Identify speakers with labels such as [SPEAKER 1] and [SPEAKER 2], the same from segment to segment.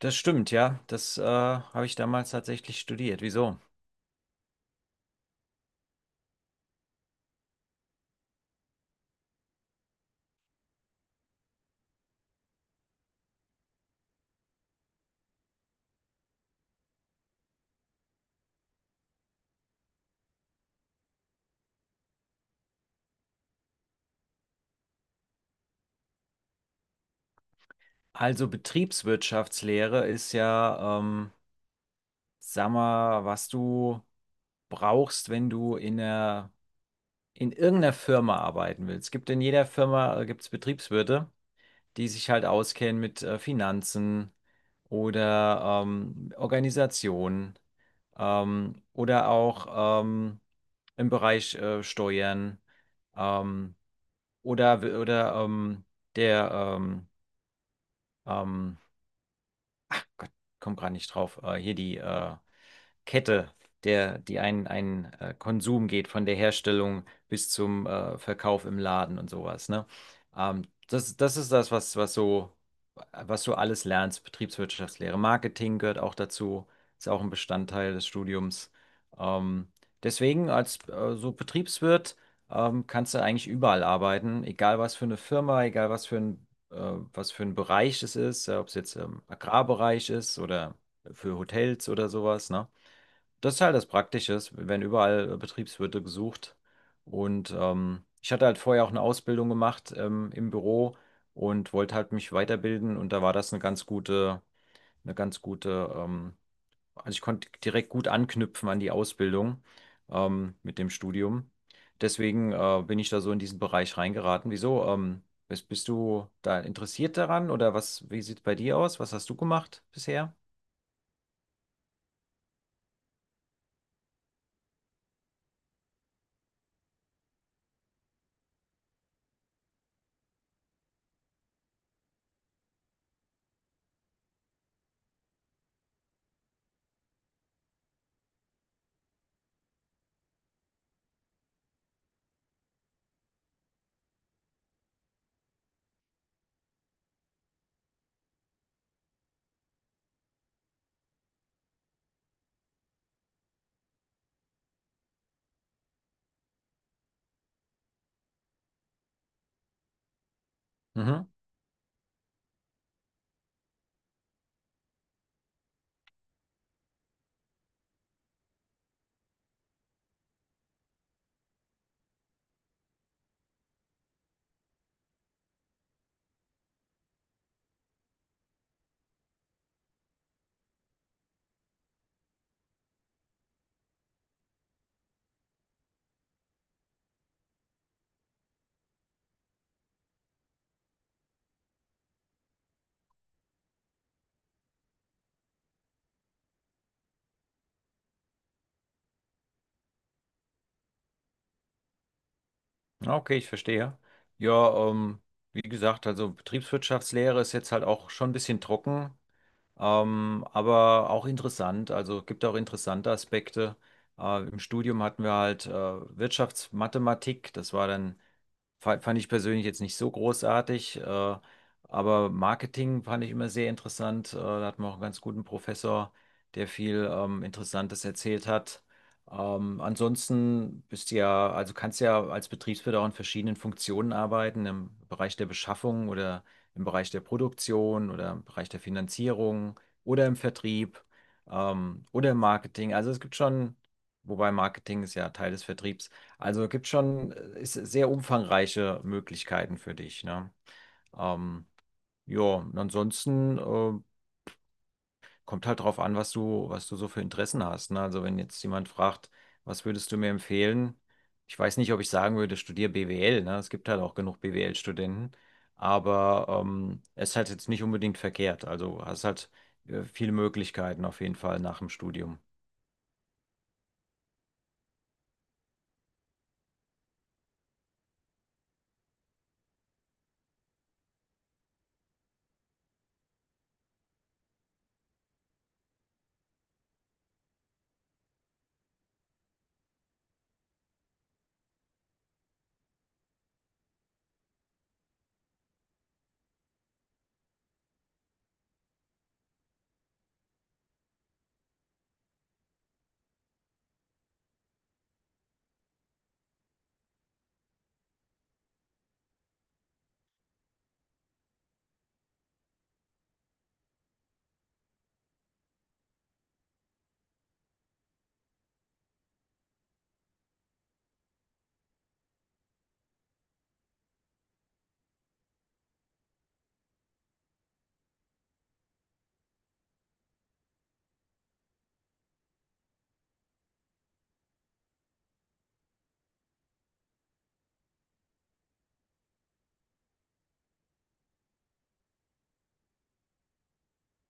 [SPEAKER 1] Das stimmt, ja. Das habe ich damals tatsächlich studiert. Wieso? Also Betriebswirtschaftslehre ist ja, sag mal, was du brauchst, wenn du in irgendeiner Firma arbeiten willst. Es gibt in jeder Firma, gibt's Betriebswirte, die sich halt auskennen mit Finanzen oder Organisationen, oder auch im Bereich Steuern. Ähm, Oder, oder ähm, der, ähm, ähm, Gott, komm gerade nicht drauf, hier Kette, die ein Konsum geht, von der Herstellung bis zum Verkauf im Laden und sowas, ne? Das ist was, was so, was du alles lernst, Betriebswirtschaftslehre. Marketing gehört auch dazu, ist auch ein Bestandteil des Studiums. Ähm, deswegen als so Betriebswirt kannst du eigentlich überall arbeiten, egal was für eine Firma, egal was für ein Bereich es ist, ob es jetzt im Agrarbereich ist oder für Hotels oder sowas, ne? Das ist halt das Praktische, es werden überall Betriebswirte gesucht. Und ich hatte halt vorher auch eine Ausbildung gemacht, im Büro und wollte halt mich weiterbilden. Und da war das eine ganz gute, also ich konnte direkt gut anknüpfen an die Ausbildung mit dem Studium. Deswegen bin ich da so in diesen Bereich reingeraten. Wieso? Bist du da interessiert daran oder was, wie sieht es bei dir aus? Was hast du gemacht bisher? Mhm. Ja, okay, ich verstehe. Ja, wie gesagt, also Betriebswirtschaftslehre ist jetzt halt auch schon ein bisschen trocken, aber auch interessant. Also gibt auch interessante Aspekte. Im Studium hatten wir halt Wirtschaftsmathematik. Das war dann fand ich persönlich jetzt nicht so großartig, aber Marketing fand ich immer sehr interessant. Da hatten wir auch einen ganz guten Professor, der viel Interessantes erzählt hat. Ansonsten bist du ja, also kannst ja als Betriebswirt auch in verschiedenen Funktionen arbeiten, im Bereich der Beschaffung oder im Bereich der Produktion oder im Bereich der Finanzierung oder im Vertrieb, oder im Marketing. Also es gibt schon, wobei Marketing ist ja Teil des Vertriebs. Also gibt schon, ist sehr umfangreiche Möglichkeiten für dich, ne? Ähm, ja, und ansonsten kommt halt drauf an, was du so für Interessen hast, ne? Also wenn jetzt jemand fragt, was würdest du mir empfehlen? Ich weiß nicht, ob ich sagen würde, studier BWL, ne? Es gibt halt auch genug BWL-Studenten, aber es ist halt jetzt nicht unbedingt verkehrt. Also hast halt, viele Möglichkeiten auf jeden Fall nach dem Studium.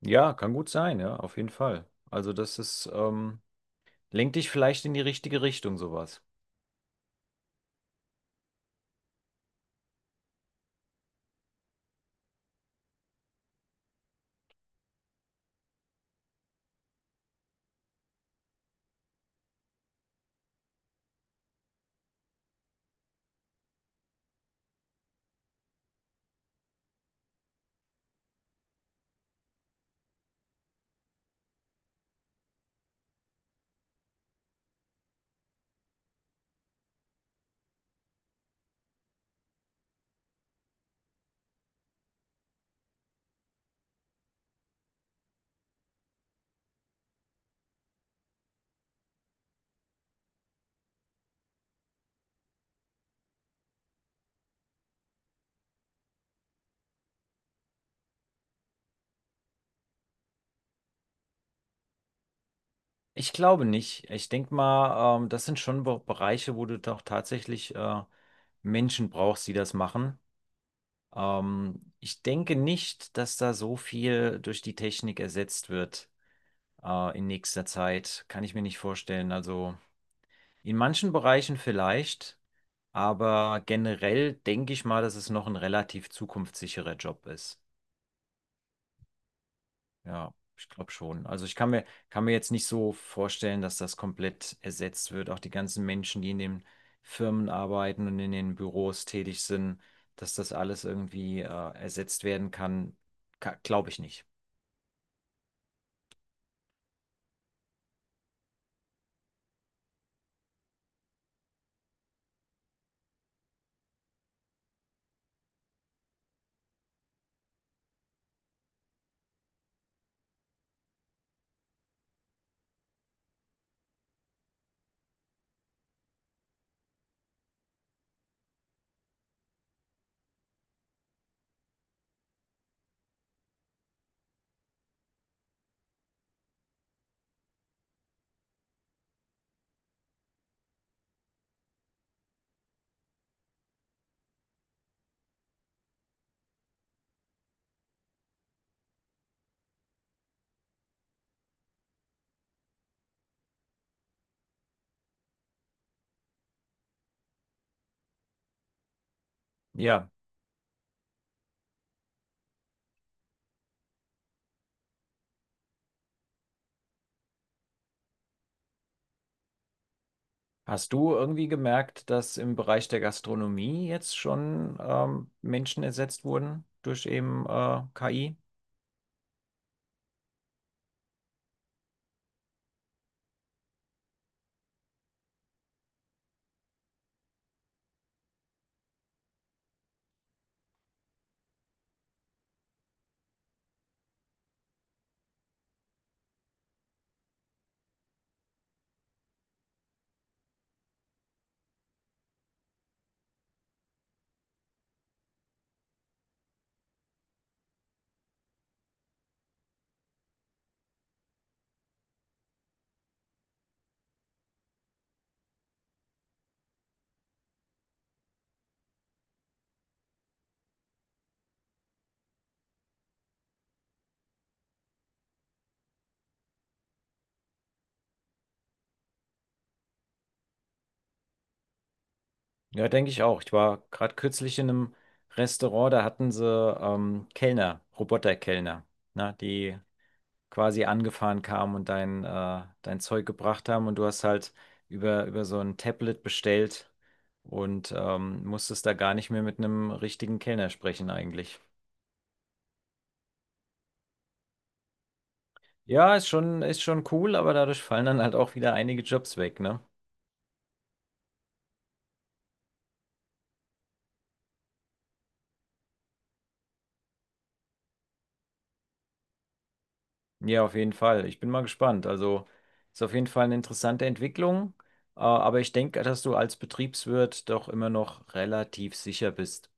[SPEAKER 1] Ja, kann gut sein, ja, auf jeden Fall. Also das ist, lenkt dich vielleicht in die richtige Richtung, sowas. Ich glaube nicht. Ich denke mal, das sind schon Be Bereiche, wo du doch tatsächlich Menschen brauchst, die das machen. Ich denke nicht, dass da so viel durch die Technik ersetzt wird, in nächster Zeit. Kann ich mir nicht vorstellen. Also in manchen Bereichen vielleicht, aber generell denke ich mal, dass es noch ein relativ zukunftssicherer Job ist. Ja, ich glaube schon. Also kann mir jetzt nicht so vorstellen, dass das komplett ersetzt wird. Auch die ganzen Menschen, die in den Firmen arbeiten und in den Büros tätig sind, dass das alles irgendwie ersetzt werden kann, ka glaube ich nicht. Ja, hast du irgendwie gemerkt, dass im Bereich der Gastronomie jetzt schon Menschen ersetzt wurden durch eben KI? Ja, denke ich auch. Ich war gerade kürzlich in einem Restaurant, da hatten sie Kellner, Roboterkellner, ne, die quasi angefahren kamen und dein Zeug gebracht haben und du hast halt über so ein Tablet bestellt und musstest da gar nicht mehr mit einem richtigen Kellner sprechen eigentlich. Ja, ist schon cool, aber dadurch fallen dann halt auch wieder einige Jobs weg, ne? Ja, auf jeden Fall. Ich bin mal gespannt. Also ist auf jeden Fall eine interessante Entwicklung, aber ich denke, dass du als Betriebswirt doch immer noch relativ sicher bist.